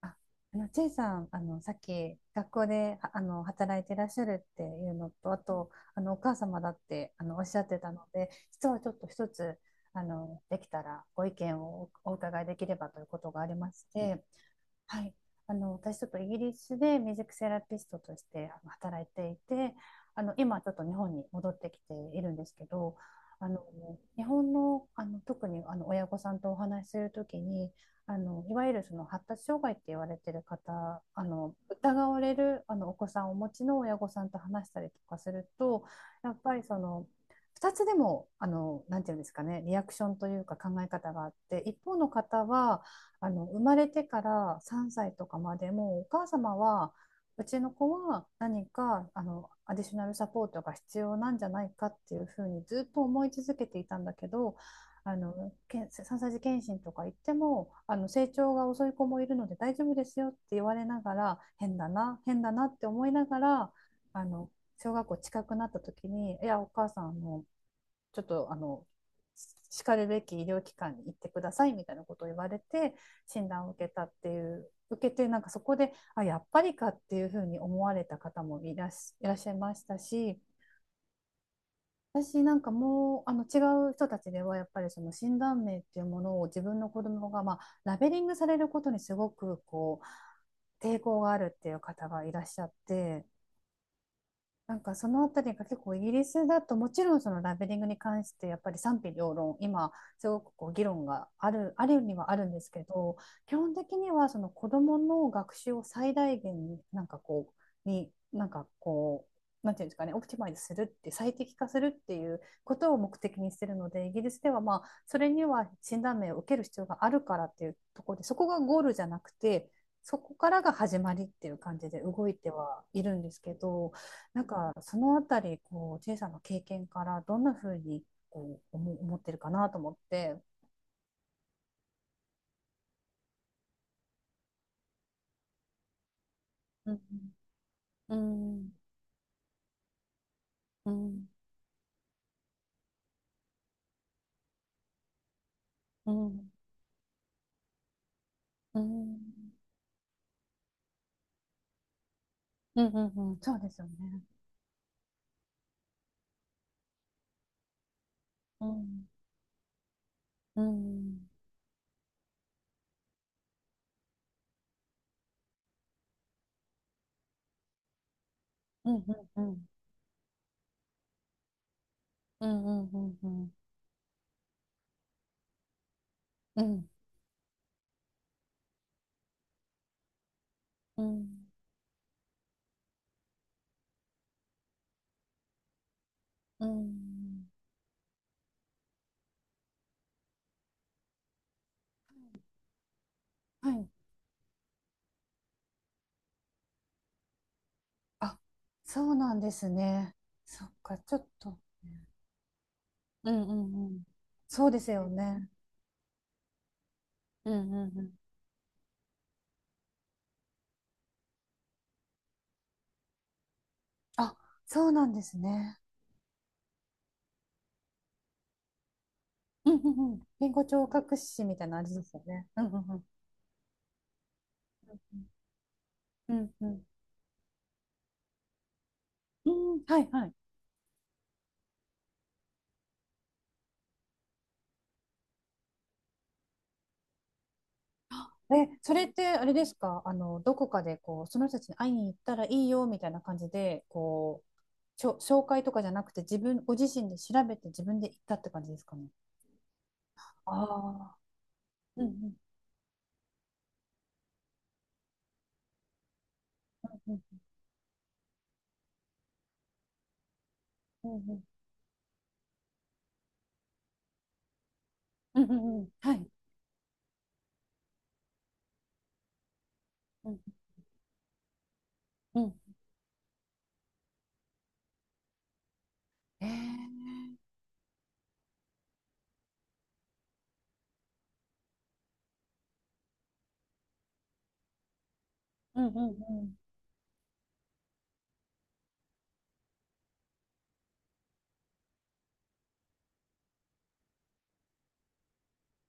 あチェイさん、さっき学校で、働いていらっしゃるっていうのと、あと、お母様だって、おっしゃってたので、実はちょっと一つ、できたらご意見をお伺いできればということがありまして、はい、私ちょっとイギリスでミュージックセラピストとして働いていて、今ちょっと日本に戻ってきているんですけど、あの日本の、特に親御さんとお話しするときに、いわゆるその発達障害って言われてる方、疑われるお子さんをお持ちの親御さんと話したりとかすると、やっぱりその2つでも、なんていうんですかね、リアクションというか考え方があって、一方の方は、生まれてから3歳とかまでもお母様は、うちの子は何かアディショナルサポートが必要なんじゃないかっていうふうにずっと思い続けていたんだけど、あのけん3歳児検診とか行っても、成長が遅い子もいるので大丈夫ですよって言われながら、変だな変だなって思いながら、あの小学校近くなった時に、いや、お母さん、のちょっとしかるべき医療機関に行ってください、みたいなことを言われて、診断を受けたっていう受けて、なんかそこで、あ、やっぱりか、っていうふうに思われた方もいらっしゃいましたし、私なんかもう、違う人たちではやっぱりその診断名っていうものを、自分の子供がまあラベリングされることにすごくこう抵抗があるっていう方がいらっしゃって、なんかそのあたりが、結構イギリスだともちろんそのラベリングに関してやっぱり賛否両論、今すごくこう議論がある、あるにはあるんですけど、基本的にはその子どもの学習を最大限に、うになんかこなんていうんですかね、オプティマイズするって最適化するっていうことを目的にしてるので、イギリスではまあ、それには診断名を受ける必要があるからっていうところで、そこがゴールじゃなくて、そこからが始まりっていう感じで動いてはいるんですけど。なんかそのあたり、こう、チェイさんの経験からどんなふうにこう思ってるかなと思って。うん、うん、うん、うん、うん、うん、うん、うん、そうですよね。うん、うん、うん、うん、うん、うん、うん、うん、うん、うん、うん、うん、はい。あ、そうなんですね。そっか、ちょっと。うん、うん、うん、そうですよね。うん、うん、うん。あ、そうなんですね。うん、うん、うん。言語聴覚士みたいなあれですよね。うん、うん、うん。うん、うん。うん、はいはい。え、それってあれですか、どこかでこう、その人たちに会いに行ったらいいよみたいな感じで、こう、紹介とかじゃなくて、ご自身で調べて自分で行ったって感じですかね。ああ、うん、うん、うん、うん、うん、うん、うん、うん、うん、はい。うん、うん、えー、うん、うん、うん、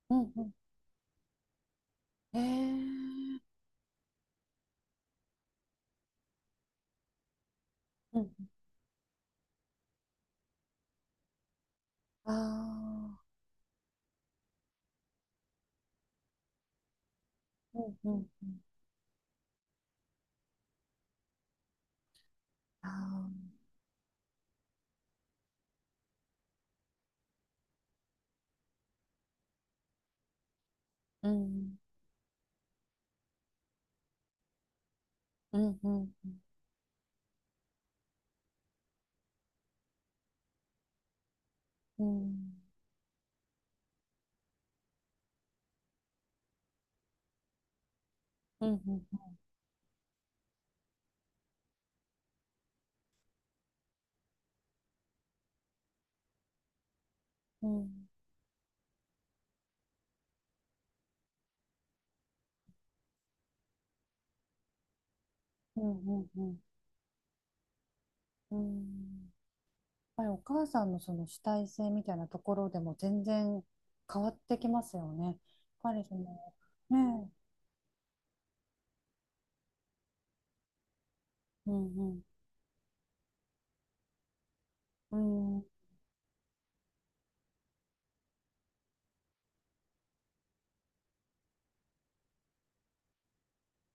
うん、うん、えー、うん、ああー、うん、うん、うん、ああー。うん、うん、うん、うん、うん、うん、うん、うん、うん、うん、うん。やっぱりお母さんのその主体性みたいなところでも全然変わってきますよね。やっぱりその、ねえ、うん、うん、うん、うん、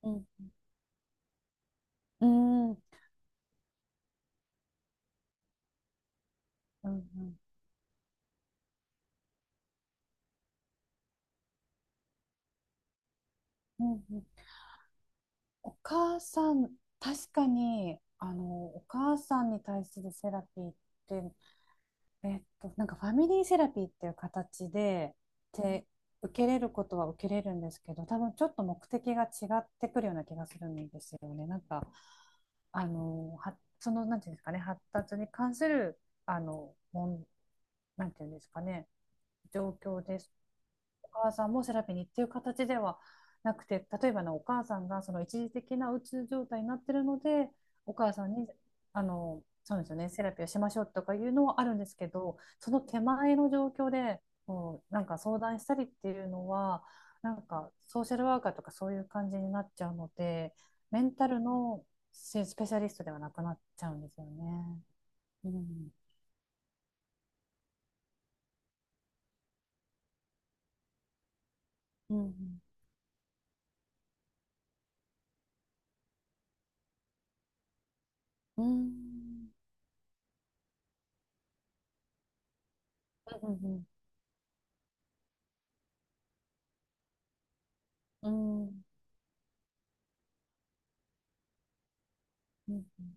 うん、うん、うん、うん、うん。お母さん、確かに、お母さんに対するセラピーって、なんかファミリーセラピーっていう形で、受けれることは受けれるんですけど、多分ちょっと目的が違ってくるような気がするんですよね。なんか、あの、は、その、なんていうんですかね、発達に関する、あの、もん、なんていうんですかね、状況です。お母さんもセラピーにっていう形ではなくて、例えばのお母さんがその一時的なうつ状態になってるので、お母さんに、そうですよね、セラピーをしましょうとかいうのはあるんですけど、その手前の状況でもうなんか相談したりっていうのは、なんかソーシャルワーカーとかそういう感じになっちゃうので、メンタルのスペシャリストではなくなっちゃうんですよね。うん。うん。うん。うん。うん。うん。うん、うん、うん、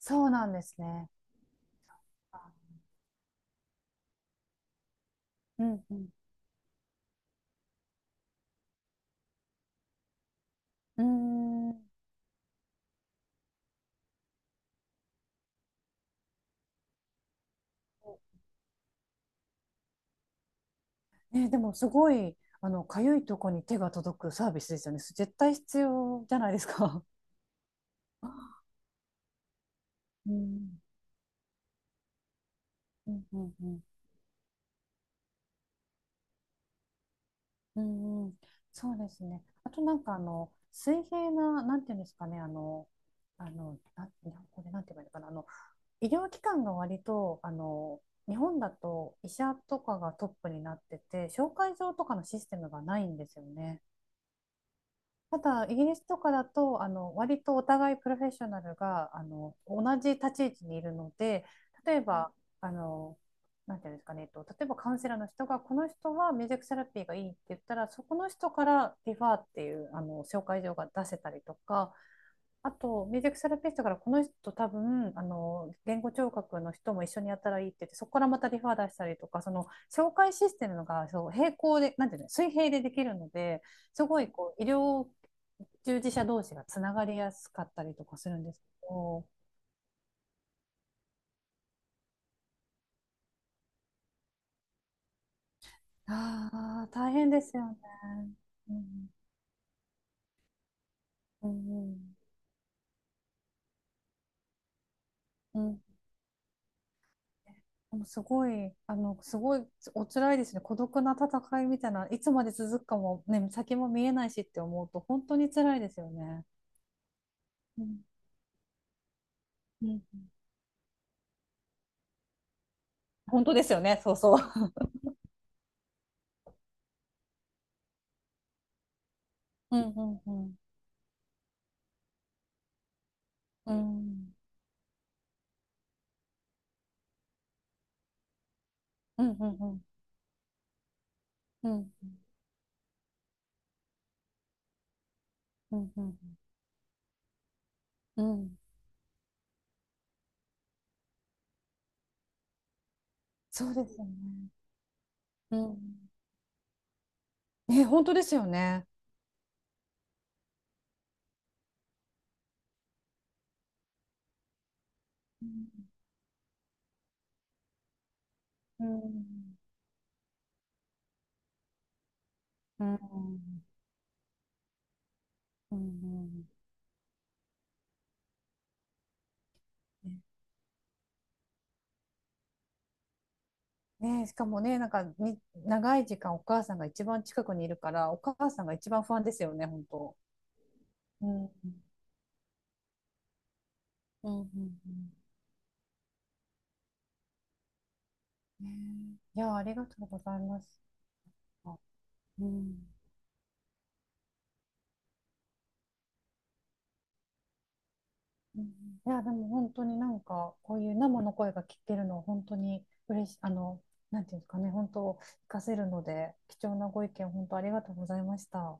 そうなんですね。あ、うん、うん。うーん。ね、でもすごい、かゆいとこに手が届くサービスですよね。絶対必要じゃないですか。うん、うん、うん、うん、うん、うん、そうですね。あとなんか水平な、なんていうんですかね、日本これなんて言えばいいのかな、医療機関が割と、日本だと医者とかがトップになってて、紹介状とかのシステムがないんですよね。ただ、イギリスとかだと、割とお互いプロフェッショナルが、同じ立ち位置にいるので、例えば、あの、なんていうんですかね、例えばカウンセラーの人が、この人はミュージックセラピーがいいって言ったら、そこの人からリファーっていう、紹介状が出せたりとか、あと、ミュージックセラピストからこの人多分、言語聴覚の人も一緒にやったらいいって言って、そこからまたリファー出したりとか、その、紹介システムが、そう、平行で、なんていうの、水平でできるので、すごい、こう、医療従事者同士がつながりやすかったりとかするんですけど。ああ、大変ですよね。うん、うん、うん。でもすごい、お辛いですね。孤独な戦いみたいな、いつまで続くかも、ね、先も見えないしって思うと、本当に辛いですよね。うん、うん、うん、本当ですよね、そうそう。うん、うん、うん。うん、うん、うん、うん、うん、うん、うん、うん、そうですよね。うん。え、本当ですよね。うん、うん、うん、うん。うん、ねえ、しかもね、なんかに長い時間お母さんが一番近くにいるから、お母さんが一番不安ですよね、本当。うん、うん、うん。ねえ、いや、ありがとうございます。あ、うん。うん、いや、でも本当になんか、こういう生の声が聞けるの、本当に嬉しい、なんていうんですかね、本当、活かせるので、貴重なご意見、本当ありがとうございました。